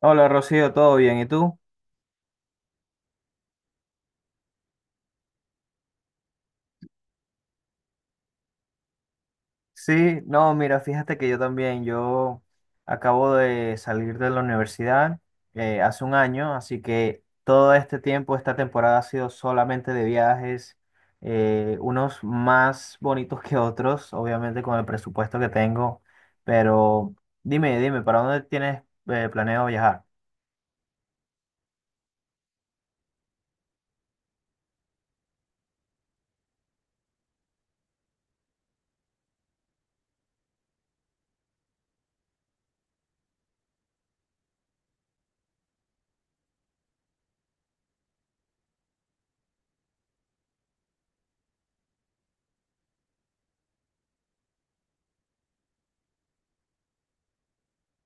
Hola Rocío, ¿todo bien? ¿Y tú? Sí, no, mira, fíjate que yo también, yo acabo de salir de la universidad hace un año, así que todo este tiempo, esta temporada ha sido solamente de viajes, unos más bonitos que otros, obviamente con el presupuesto que tengo, pero dime, ¿para dónde tienes planeado viajar?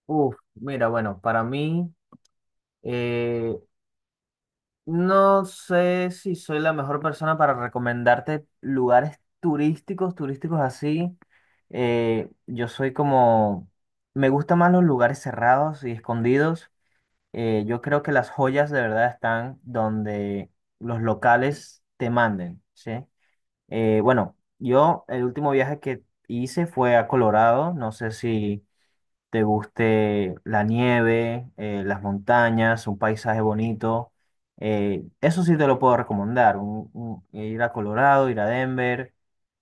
Uf, mira, bueno, para mí no sé si soy la mejor persona para recomendarte lugares turísticos, turísticos así. Yo soy como, me gustan más los lugares cerrados y escondidos. Yo creo que las joyas de verdad están donde los locales te manden, ¿sí? Bueno, yo el último viaje que hice fue a Colorado. No sé si te guste la nieve, las montañas, un paisaje bonito. Eso sí te lo puedo recomendar, ir a Colorado, ir a Denver.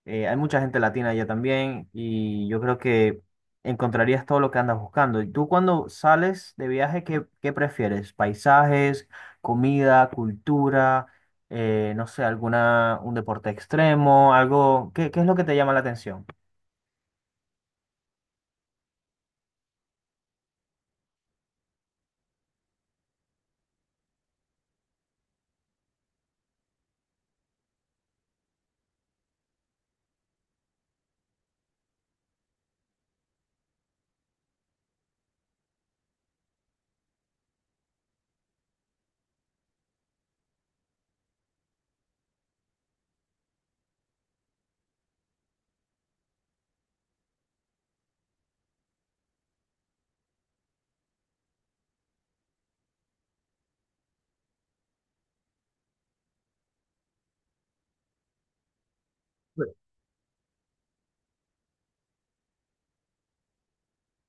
Hay mucha gente latina allá también y yo creo que encontrarías todo lo que andas buscando. ¿Y tú cuando sales de viaje, qué prefieres? ¿Paisajes, comida, cultura? No sé, un deporte extremo, algo, qué es lo que te llama la atención?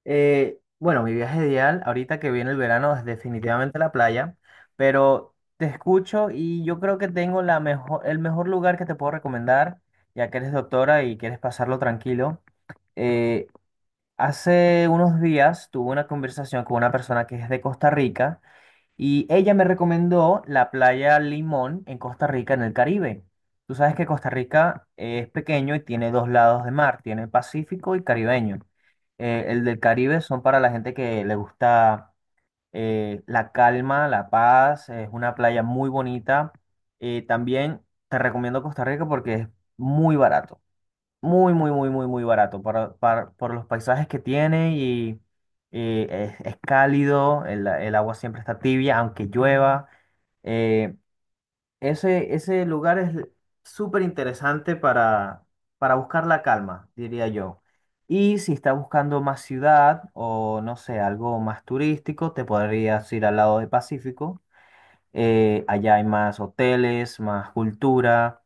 Bueno, mi viaje ideal, ahorita que viene el verano, es definitivamente la playa, pero te escucho y yo creo que tengo el mejor lugar que te puedo recomendar, ya que eres doctora y quieres pasarlo tranquilo. Eh, Hace unos días tuve una conversación con una persona que es de Costa Rica y ella me recomendó la playa Limón en Costa Rica, en el Caribe. Tú sabes que Costa Rica es pequeño y tiene dos lados de mar, tiene Pacífico y Caribeño. El del Caribe son para la gente que le gusta la calma, la paz, es una playa muy bonita. También te recomiendo Costa Rica porque es muy barato. Muy, muy, muy, muy, muy barato para, por los paisajes que tiene y es cálido, el agua siempre está tibia, aunque llueva. Eh, Ese lugar es súper interesante para buscar la calma, diría yo. Y si estás buscando más ciudad o no sé, algo más turístico, te podrías ir al lado del Pacífico allá hay más hoteles, más cultura.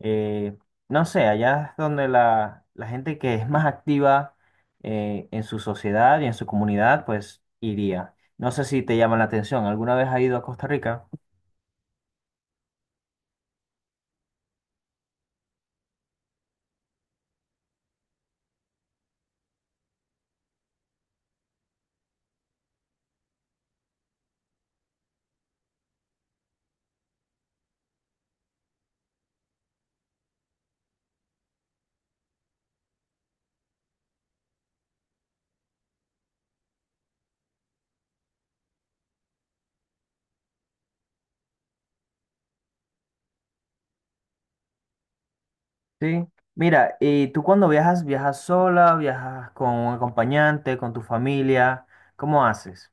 eh, no sé, allá es donde la gente que es más activa en su sociedad y en su comunidad, pues iría. No sé si te llama la atención. ¿Alguna vez has ido a Costa Rica? Sí. Mira, ¿y tú cuando viajas, viajas sola, viajas con un acompañante, con tu familia? ¿Cómo haces?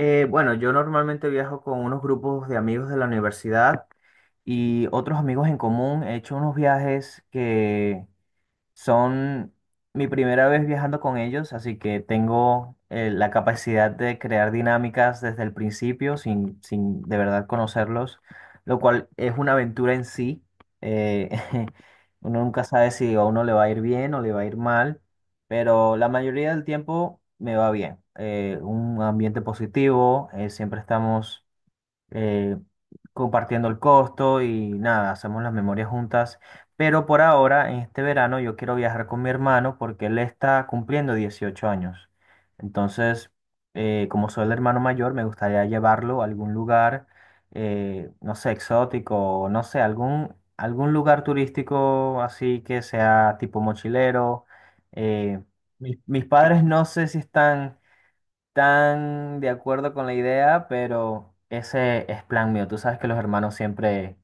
Bueno, yo normalmente viajo con unos grupos de amigos de la universidad y otros amigos en común. He hecho unos viajes que son mi primera vez viajando con ellos, así que tengo la capacidad de crear dinámicas desde el principio sin de verdad conocerlos, lo cual es una aventura en sí. Eh, uno nunca sabe si a uno le va a ir bien o le va a ir mal, pero la mayoría del tiempo me va bien. Un ambiente positivo, siempre estamos eh, compartiendo el costo y nada, hacemos las memorias juntas. Pero por ahora, en este verano, yo quiero viajar con mi hermano porque él está cumpliendo 18 años. Entonces, como soy el hermano mayor, me gustaría llevarlo a algún lugar, no sé, exótico, o no sé, algún lugar turístico así que sea tipo mochilero. Eh, Mis padres no sé si están tan de acuerdo con la idea, pero ese es plan mío. Tú sabes que los hermanos siempre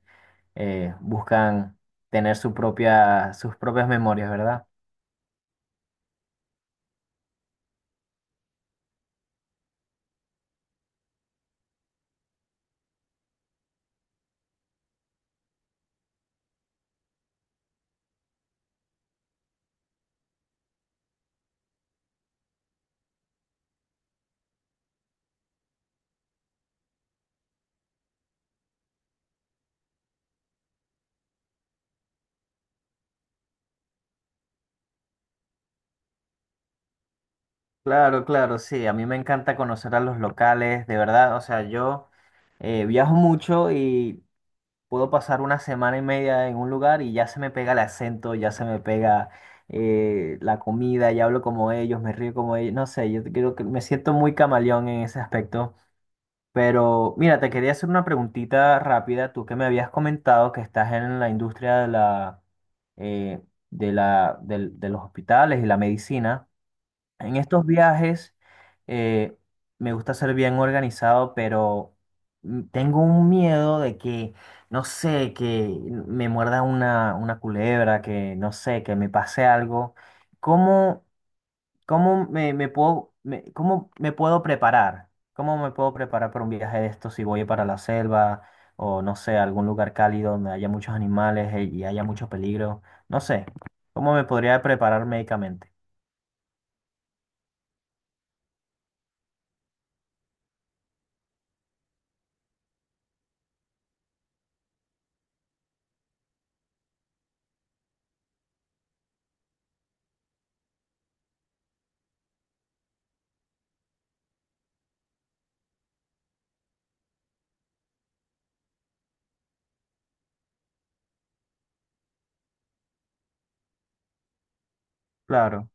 buscan tener sus propias memorias, ¿verdad? Claro, claro, sí. A mí me encanta conocer a los locales, de verdad. O sea, yo viajo mucho y puedo pasar una semana y media en un lugar y ya se me pega el acento, ya se me pega la comida, ya hablo como ellos, me río como ellos. No sé, yo creo que me siento muy camaleón en ese aspecto. Pero mira, te quería hacer una preguntita rápida. Tú que me habías comentado que estás en la industria de eh, de la, de los hospitales y la medicina. En estos viajes eh, me gusta ser bien organizado, pero tengo un miedo de que, no sé, que me muerda una culebra, que no sé, que me pase algo. ¿Cómo? ¿Cómo cómo me puedo preparar? ¿Cómo me puedo preparar para un viaje de estos si voy para la selva o no sé, algún lugar cálido donde haya muchos animales y haya mucho peligro? No sé, ¿cómo me podría preparar médicamente? Claro,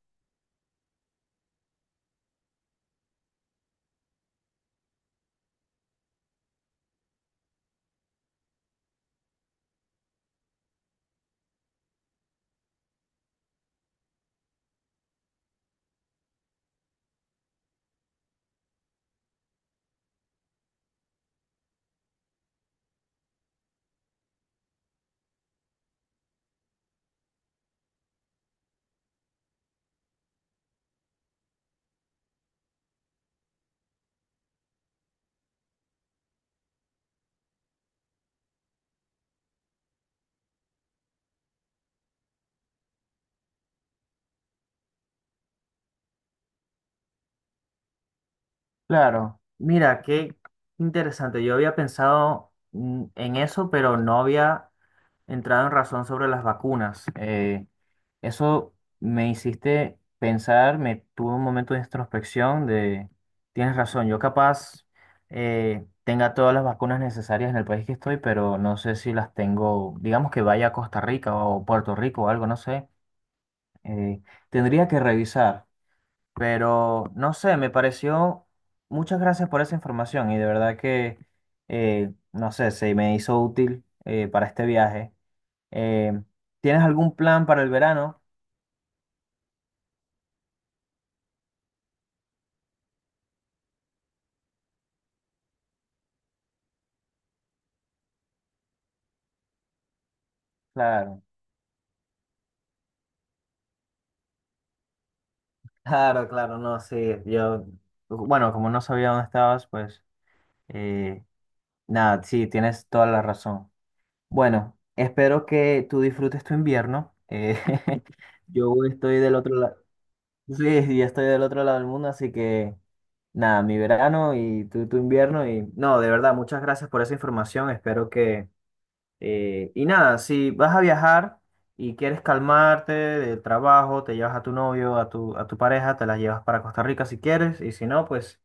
claro. Mira, qué interesante. Yo había pensado en eso, pero no había entrado en razón sobre las vacunas. Eso me hiciste pensar, me tuvo un momento de introspección de, tienes razón, yo capaz tenga todas las vacunas necesarias en el país que estoy, pero no sé si las tengo, digamos que vaya a Costa Rica o Puerto Rico o algo, no sé. eh, Tendría que revisar, pero no sé, me pareció, muchas gracias por esa información y de verdad que, no sé, se me hizo útil para este viaje. Eh, ¿Tienes algún plan para el verano? Claro. Claro, claro, no, sí, yo, bueno, como no sabía dónde estabas, pues, eh, nada, sí, tienes toda la razón. Bueno, espero que tú disfrutes tu invierno. Yo estoy del otro lado, sí, sí, yo estoy del otro lado del mundo, así que nada, mi verano y tú tu invierno y no, de verdad, muchas gracias por esa información. Espero que y nada, si vas a viajar y quieres calmarte del trabajo, te llevas a tu novio, a a tu pareja, te la llevas para Costa Rica si quieres, y si no, pues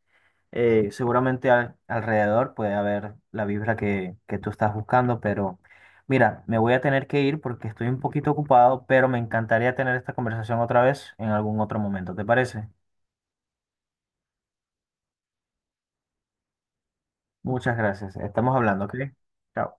seguramente alrededor puede haber la vibra que tú estás buscando, pero mira, me voy a tener que ir porque estoy un poquito ocupado, pero me encantaría tener esta conversación otra vez en algún otro momento, ¿te parece? Muchas gracias, estamos hablando, ¿ok? Chao.